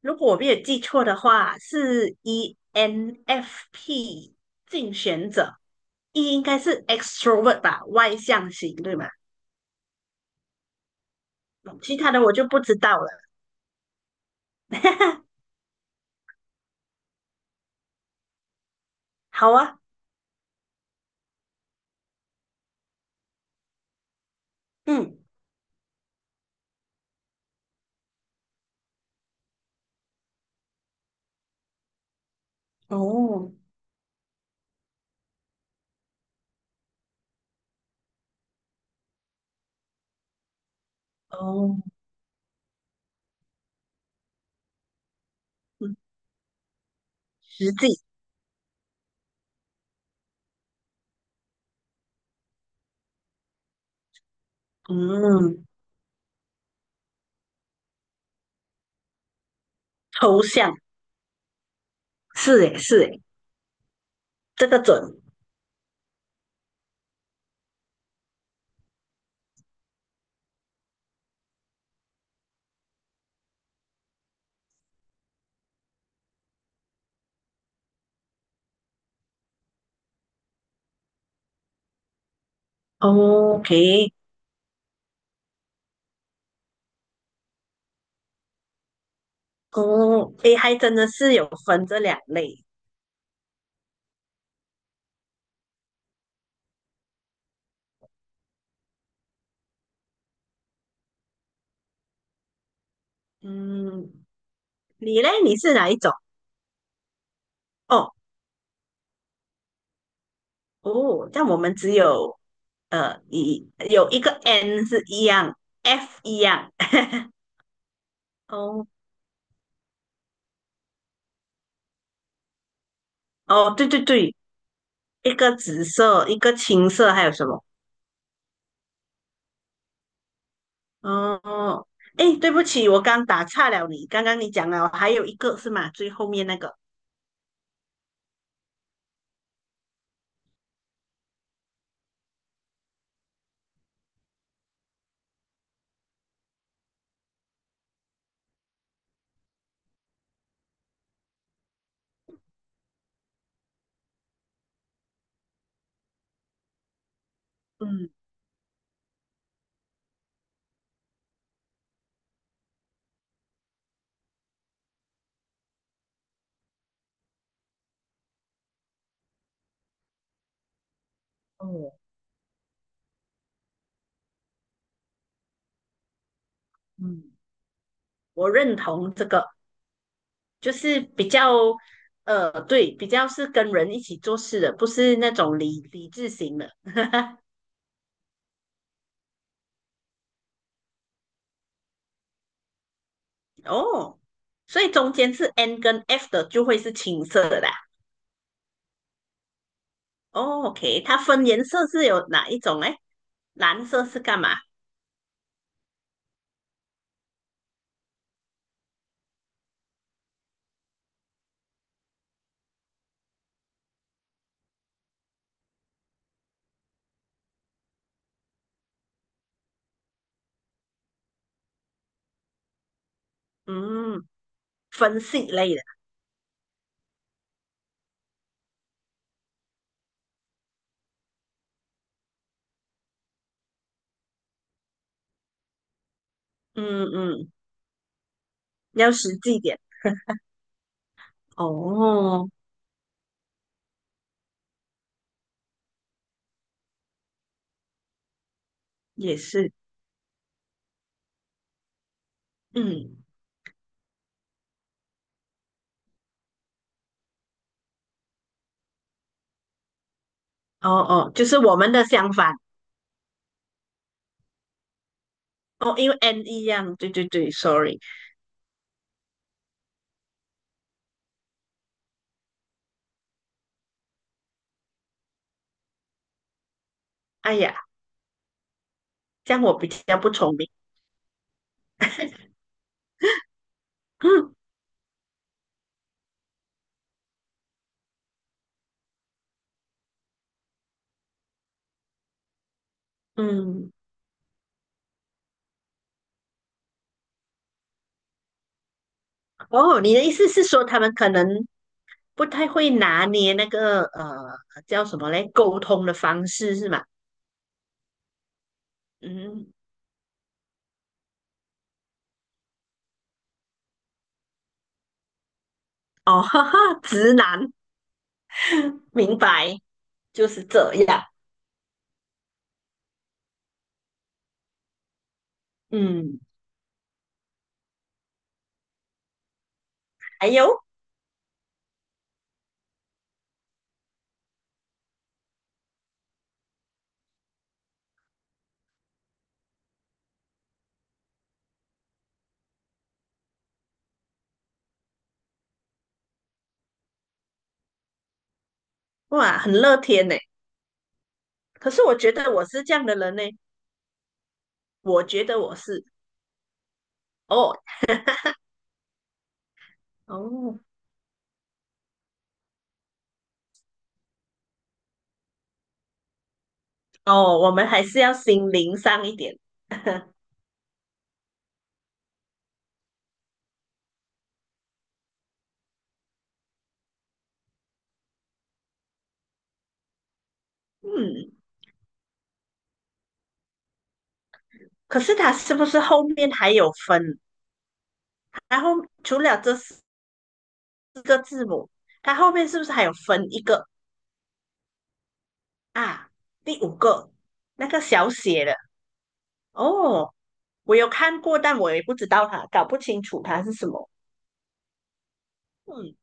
如果我没有记错的话，是 ENFP 竞选者，E 应该是 extrovert 吧，外向型，对吗？其他的我就不知道了。好啊，嗯，哦，哦，嗯，实际，嗯，抽象，是诶，是诶，这个准。哦 OK，哦，诶，还真的是有分这两类。嗯，你嘞，你是哪一种？哦，哦，但我们只有一有一个 n 是一样，f 一样。哦哦，对对对，一个紫色，一个青色，还有什么？哦，哎，对不起，我刚打岔了你。刚刚你讲了，还有一个是吗？最后面那个，嗯，哦，嗯，我认同这个，就是比较，对，比较是跟人一起做事的，不是那种理智型的。哦，所以中间是 n 跟 f 的，就会是青色的啦。哦，OK，它分颜色是有哪一种嘞？蓝色是干嘛？嗯，分析类的。嗯嗯，要实际一点。哦，也是。嗯，哦哦，就是我们的相反。哦，因为 N 一样。对对对，sorry。哎呀，这样我比较不聪明。嗯嗯，哦，你的意思是说他们可能不太会拿捏那个叫什么嘞？沟通的方式是吗？嗯，哦，哈哈，直男，明白。就是这样。嗯，还有哇，很乐天呢。可是我觉得我是这样的人呢，我觉得我是哦哦哦，我们还是要心灵上一点。嗯，可是他是不是后面还有分？然后除了这四个字母，它后面是不是还有分一个啊？第五个那个小写的哦，我有看过，但我也不知道它，搞不清楚它是什么。嗯，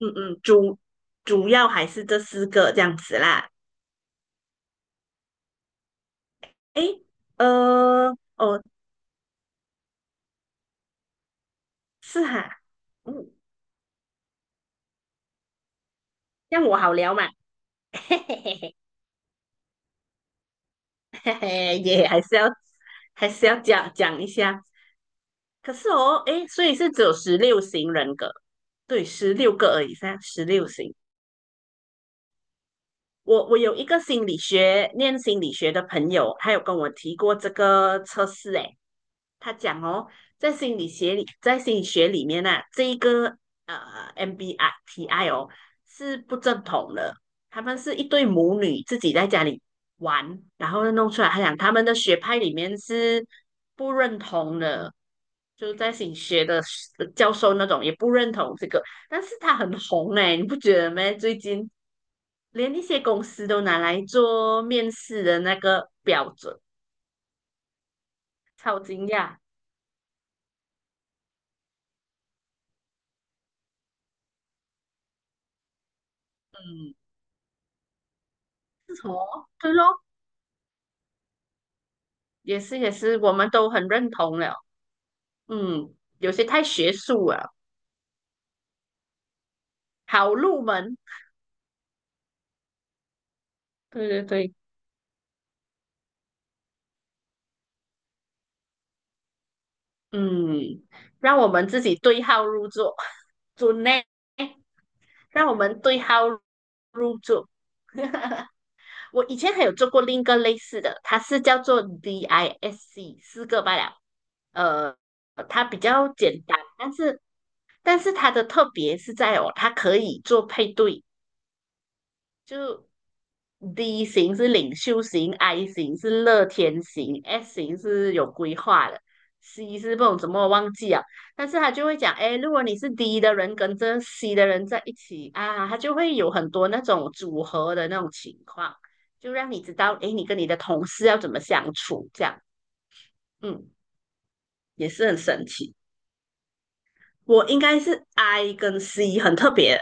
嗯嗯，主要还是这四个这样子啦。诶，呃，哦，是哈，嗯，这样我好聊嘛，嘿嘿嘿嘿，嘿也还是要讲讲一下。可是哦，诶，所以是只有16型人格，对，16个而已，噻，十六型。我有一个心理学念心理学的朋友，他有跟我提过这个测试，诶，他讲哦，在心理学里面呢、啊这一个呃 MBTI 哦是不正统的，他们是一对母女自己在家里玩，然后弄出来。他讲他们的学派里面是不认同的，就在心理学的教授那种也不认同这个，但是他很红哎，欸你不觉得吗？最近连一些公司都拿来做面试的那个标准，超惊讶。嗯。哦，对咯，也是也是，我们都很认同了。嗯，有些太学术了，好入门。对对对，嗯，让我们自己对号入座，准呢，让我们对号入座。我以前还有做过另一个类似的，它是叫做 DISC，四个罢了。呃，它比较简单，但是它的特别是在哦，它可以做配对，就 D 型是领袖型，I 型是乐天型，S 型是有规划的，C 是不懂怎么忘记啊。但是他就会讲，哎，如果你是 D 的人跟这 C 的人在一起啊，他就会有很多那种组合的那种情况，就让你知道，哎，你跟你的同事要怎么相处，这样，嗯，也是很神奇。我应该是 I 跟 C 很特别，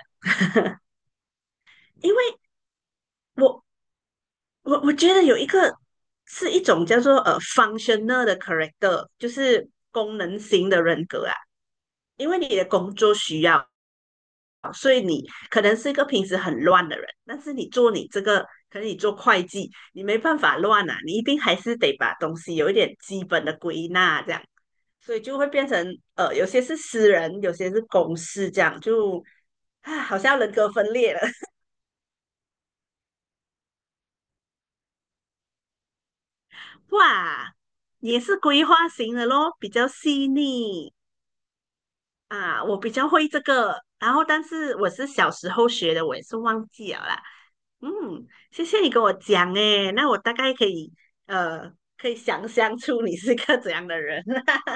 因为我我觉得有一个是一种叫做functional 的 character，就是功能型的人格啊。因为你的工作需要，可能是一个平时很乱的人，但是你做你这个，可能你做会计，你没办法乱啊，你一定还是得把东西有一点基本的归纳这样，所以就会变成有些是私人，有些是公事这样，就啊，好像人格分裂了。哇，你也是规划型的咯，比较细腻。啊，我比较会这个，然后但是我是小时候学的，我也是忘记了啦。嗯，谢谢你跟我讲诶，那我大概呃可以想象出你是个怎样的人。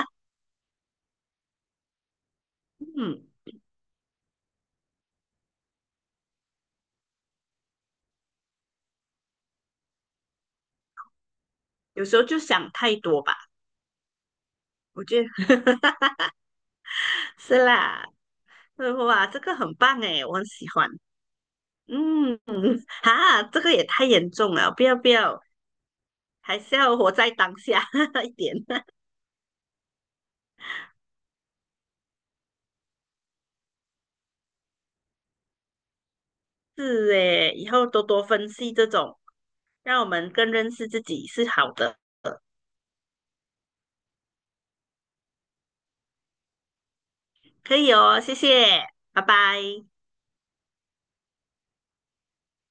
嗯，有时候就想太多吧，我觉得 是啦。哇，这个很棒诶，我很喜欢。嗯，哈，这个也太严重了，不要不要，还是要活在当下 一点。是诶，以后多多分析这种，让我们更认识自己是好的，可以哦，谢谢，拜拜。